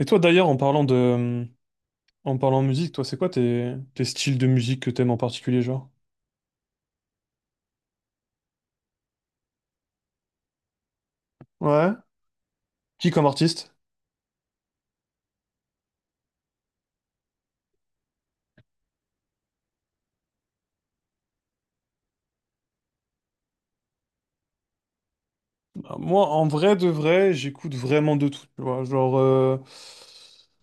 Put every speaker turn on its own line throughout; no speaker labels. Et toi d'ailleurs, en parlant musique, toi, c'est quoi tes styles de musique que t'aimes en particulier, genre? Ouais. Qui comme artiste? Bah, moi, en vrai de vrai, j'écoute vraiment de tout, tu vois. Genre,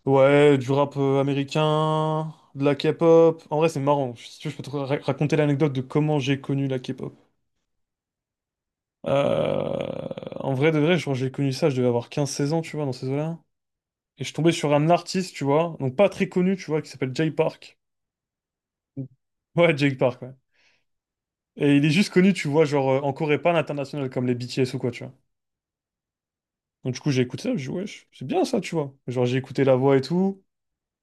ouais, du rap américain, de la K-pop. En vrai, c'est marrant. Si tu veux, je peux te raconter l'anecdote de comment j'ai connu la K-pop. Euh, en vrai de vrai, genre, j'ai connu ça, je devais avoir 15-16 ans, tu vois, dans ces eaux-là. Et je tombais sur un artiste, tu vois, donc pas très connu, tu vois, qui s'appelle Jay Park. Ouais, Jake Park, ouais. Et il est juste connu, tu vois, genre, en Corée, pas à l'international comme les BTS ou quoi, tu vois. Donc du coup, j'ai écouté ça, je dit wesh, c'est bien ça, tu vois. Genre, j'ai écouté la voix et tout.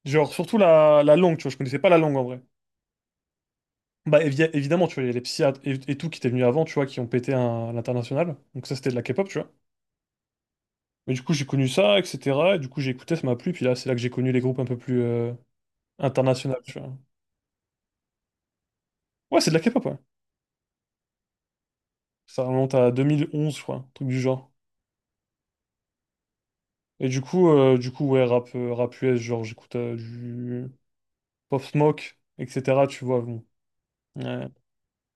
Genre, surtout la langue, tu vois, je connaissais pas la langue en vrai. Bah, évidemment, tu vois, il y a les psychiatres et tout qui étaient venus avant, tu vois, qui ont pété à l'international. Donc ça, c'était de la K-pop, tu vois. Mais du coup, j'ai connu ça, etc. Et du coup, j'ai écouté, ça m'a plu. Puis là, c'est là que j'ai connu les groupes un peu plus internationaux, tu vois. Ouais, c'est de la K-pop, ouais. Ça remonte à 2011, je crois, un truc du genre. Et du coup, ouais, rap US, genre, j'écoute du... Pop Smoke, etc. Tu vois, bon. Ouais,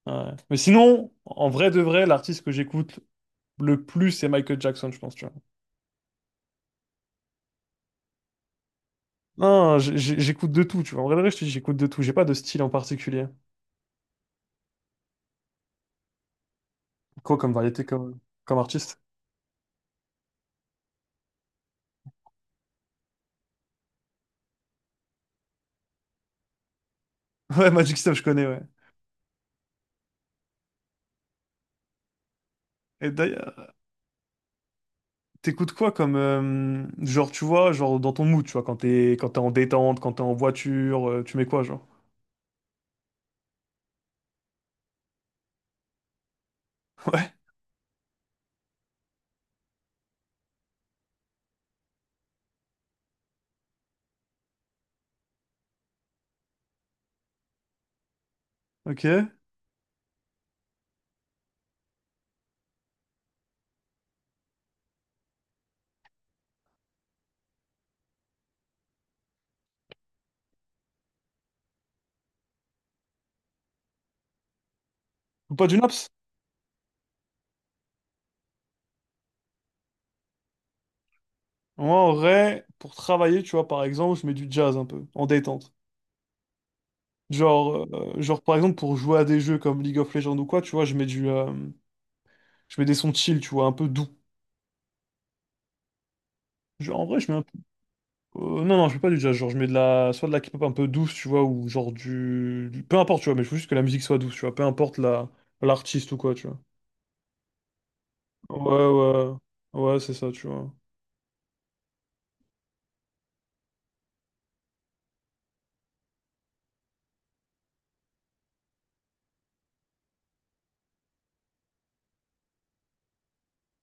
ouais. Mais sinon, en vrai de vrai, l'artiste que j'écoute le plus, c'est Michael Jackson, je pense, tu vois. Non, j'écoute de tout, tu vois. En vrai de vrai, je te dis, j'écoute de tout. J'ai pas de style en particulier. Quoi comme variété, comme artiste? Ouais, Magic Step, je connais, ouais. Et d'ailleurs, t'écoutes quoi comme... genre, tu vois, genre dans ton mood, tu vois, quand t'es en détente, quand t'es en voiture, tu mets quoi, genre? Ouais, ok. Ou pas du naps? Moi, en vrai, pour travailler, tu vois, par exemple, je mets du jazz un peu, en détente. Genre, genre, par exemple, pour jouer à des jeux comme League of Legends ou quoi, tu vois, je mets des sons chill, tu vois, un peu doux. Genre, en vrai, je mets un peu... non, non, je mets pas du jazz, genre, je mets de la... soit de la K-pop un peu douce, tu vois, ou genre peu importe, tu vois, mais je veux juste que la musique soit douce, tu vois, l'artiste ou quoi, tu vois. Ouais, ouais, ouais, c'est ça, tu vois.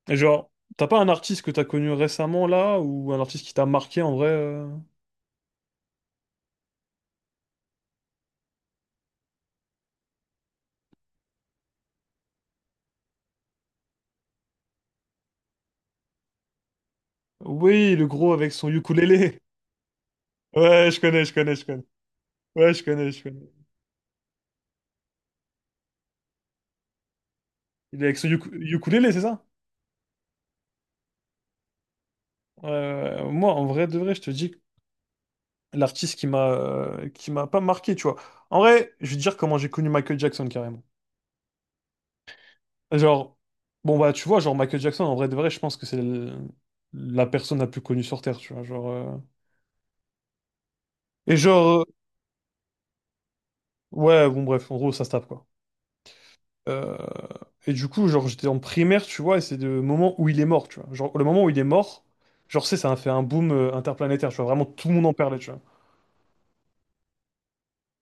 Et genre, t'as pas un artiste que t'as connu récemment, là, ou un artiste qui t'a marqué, en vrai? Oui, le gros avec son ukulélé. Ouais, je connais, je connais, je connais. Ouais, je connais, je connais. Il est avec son ukulélé, c'est ça? Moi, en vrai, de vrai, je te dis que l'artiste qui m'a pas marqué, tu vois. En vrai, je vais te dire comment j'ai connu Michael Jackson carrément. Genre, bon bah tu vois, genre Michael Jackson, en vrai, de vrai, je pense que c'est la personne la plus connue sur Terre, tu vois. Genre, et genre, ouais, bon bref, en gros, ça se tape quoi. Euh, Et du coup, genre, j'étais en primaire, tu vois, et c'est le moment où il est mort, tu vois. Genre, le moment où il est mort, genre, ça a fait un boom interplanétaire, tu vois. Vraiment, tout le monde en parlait, tu vois.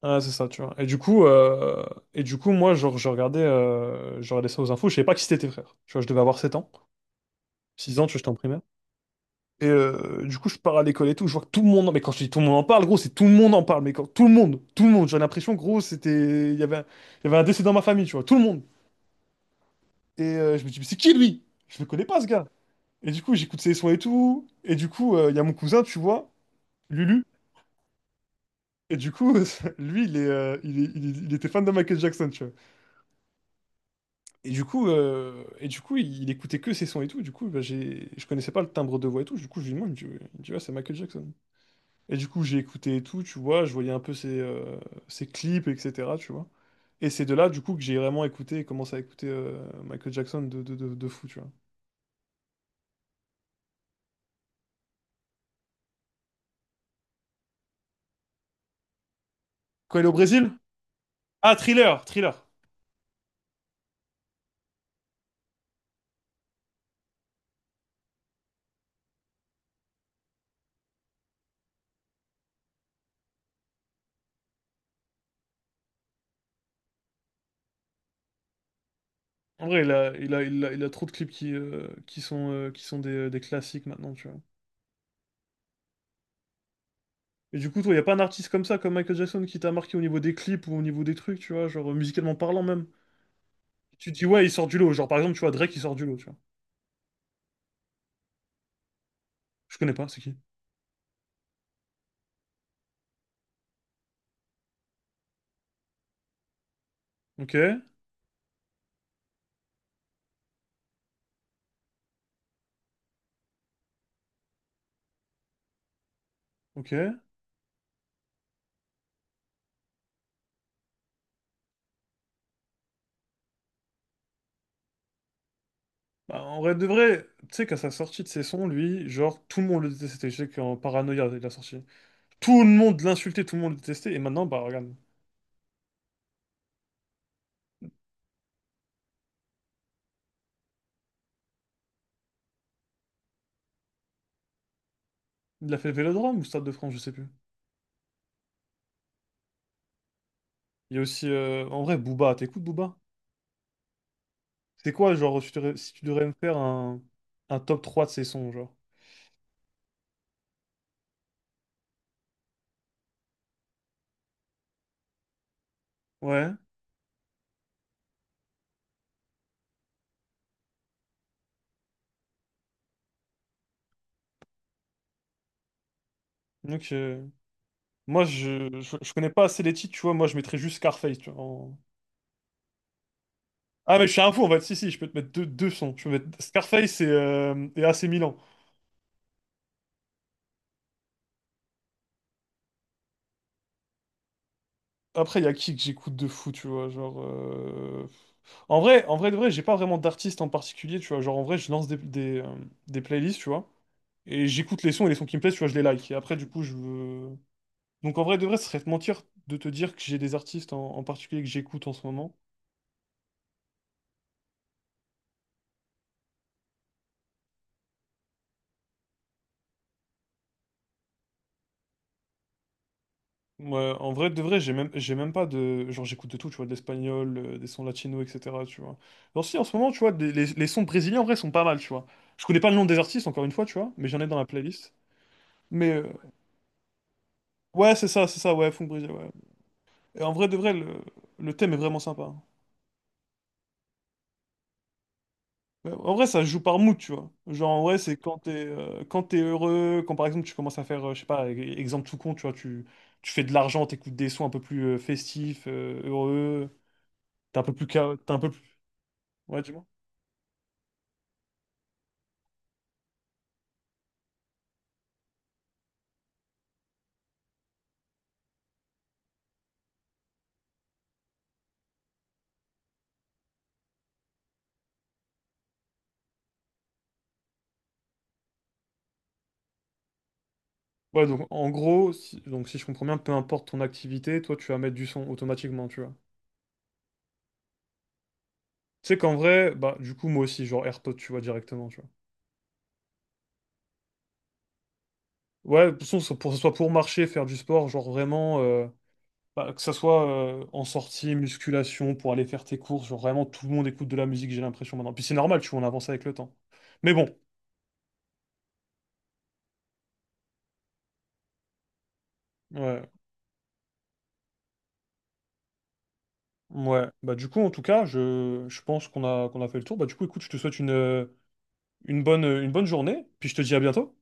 Ah, c'est ça, tu vois. Et du coup moi, genre, je regardais ça aux infos. Je savais pas qui c'était tes frères. Tu vois, je devais avoir 7 ans, 6 ans, tu vois, j'étais en primaire. Et du coup, je pars à l'école et tout. Je vois que tout le monde. Mais quand je dis tout le monde en parle, gros, c'est tout le monde en parle. Mais quand tout le monde, j'ai l'impression, gros, c'était. Il y avait un décès dans ma famille, tu vois, tout le monde. Et je me dis, mais c'est qui lui? Je le connais pas, ce gars. Et du coup, j'écoute ses sons et tout. Et du coup, il y a mon cousin, tu vois, Lulu. Et du coup, lui, il était fan de Michael Jackson, tu vois. Et du coup, il écoutait que ses sons et tout. Du coup, bah, je connaissais pas le timbre de voix et tout. Du coup, je lui demande, il me dit, ouais. Il me dit, ouais, c'est Michael Jackson. Et du coup, j'ai écouté et tout, tu vois. Je voyais un peu ses clips, etc. Tu vois. Et c'est de là, du coup, que j'ai vraiment écouté et commencé à écouter Michael Jackson de fou, tu vois. Quand il est au Brésil? Ah, Thriller, Thriller. En vrai, il a trop de clips qui sont des classiques maintenant, tu vois. Et du coup, toi, il a pas un artiste comme ça, comme Michael Jackson, qui t'a marqué au niveau des clips ou au niveau des trucs, tu vois, genre musicalement parlant même. Tu te dis, ouais, il sort du lot. Genre, par exemple, tu vois, Drake, il sort du lot, tu vois. Je connais pas, c'est qui? Ok, ok. Bah, en vrai de vrai, tu sais, qu'à sa sortie de ses sons, lui, genre, tout le monde le détestait. Je sais qu'en paranoïa il a sorti. Tout le monde l'insultait, tout le monde le détestait. Et maintenant, bah, regarde. Il a fait le Vélodrome ou Stade de France, je sais plus. Il y a aussi, en vrai, Booba. T'écoutes Booba? C'est quoi, genre, si tu devrais me faire un top 3 de ses sons, genre? Ouais. Donc, moi, je connais pas assez les titres, tu vois. Moi, je mettrais juste Scarface, tu vois. Ah mais je suis un fou en fait, si si, je peux te mettre deux sons. Je peux mettre Scarface et AC Milan. Après, il y a qui que j'écoute de fou, tu vois, genre... En en vrai de vrai, j'ai pas vraiment d'artiste en particulier, tu vois, genre en vrai, je lance des playlists, tu vois, et j'écoute les sons et les sons qui me plaisent, tu vois, je les like. Et après, du coup. Donc en vrai de vrai, ce serait te mentir de te dire que j'ai des artistes en particulier que j'écoute en ce moment. Ouais, en vrai, de vrai, j'ai même pas de... Genre, j'écoute de tout, tu vois, de l'espagnol, des sons latinos, etc., tu vois. Alors si, en ce moment, tu vois, les sons brésiliens, en vrai, sont pas mal, tu vois. Je connais pas le nom des artistes, encore une fois, tu vois, mais j'en ai dans la playlist. Mais, ouais, c'est ça, ouais, funk brésilien, ouais. Et en vrai, de vrai, le thème est vraiment sympa. Ouais, en vrai, ça se joue par mood, tu vois. Genre, en vrai, c'est quand t'es heureux, quand, par exemple, tu commences à faire, je sais pas, exemple tout con, tu vois, tu fais de l'argent, t'écoutes des sons un peu plus festifs, heureux, t'es un peu plus... T'es un peu plus... Ouais, dis-moi. Ouais, donc en gros, si je comprends bien, peu importe ton activité, toi tu vas mettre du son automatiquement, tu vois. Tu sais qu'en vrai, bah du coup moi aussi, genre AirPod, tu vois, directement, tu vois. Ouais, de toute façon, c'est pour, que ce soit pour marcher, faire du sport, genre vraiment, bah, que ça soit en sortie, musculation, pour aller faire tes courses, genre vraiment tout le monde écoute de la musique, j'ai l'impression maintenant. Puis c'est normal, tu vois, on avance avec le temps. Mais bon, ouais, ouais. Bah du coup, en tout cas, je pense qu'on a fait le tour. Bah du coup, écoute, je te souhaite une bonne journée, puis je te dis à bientôt.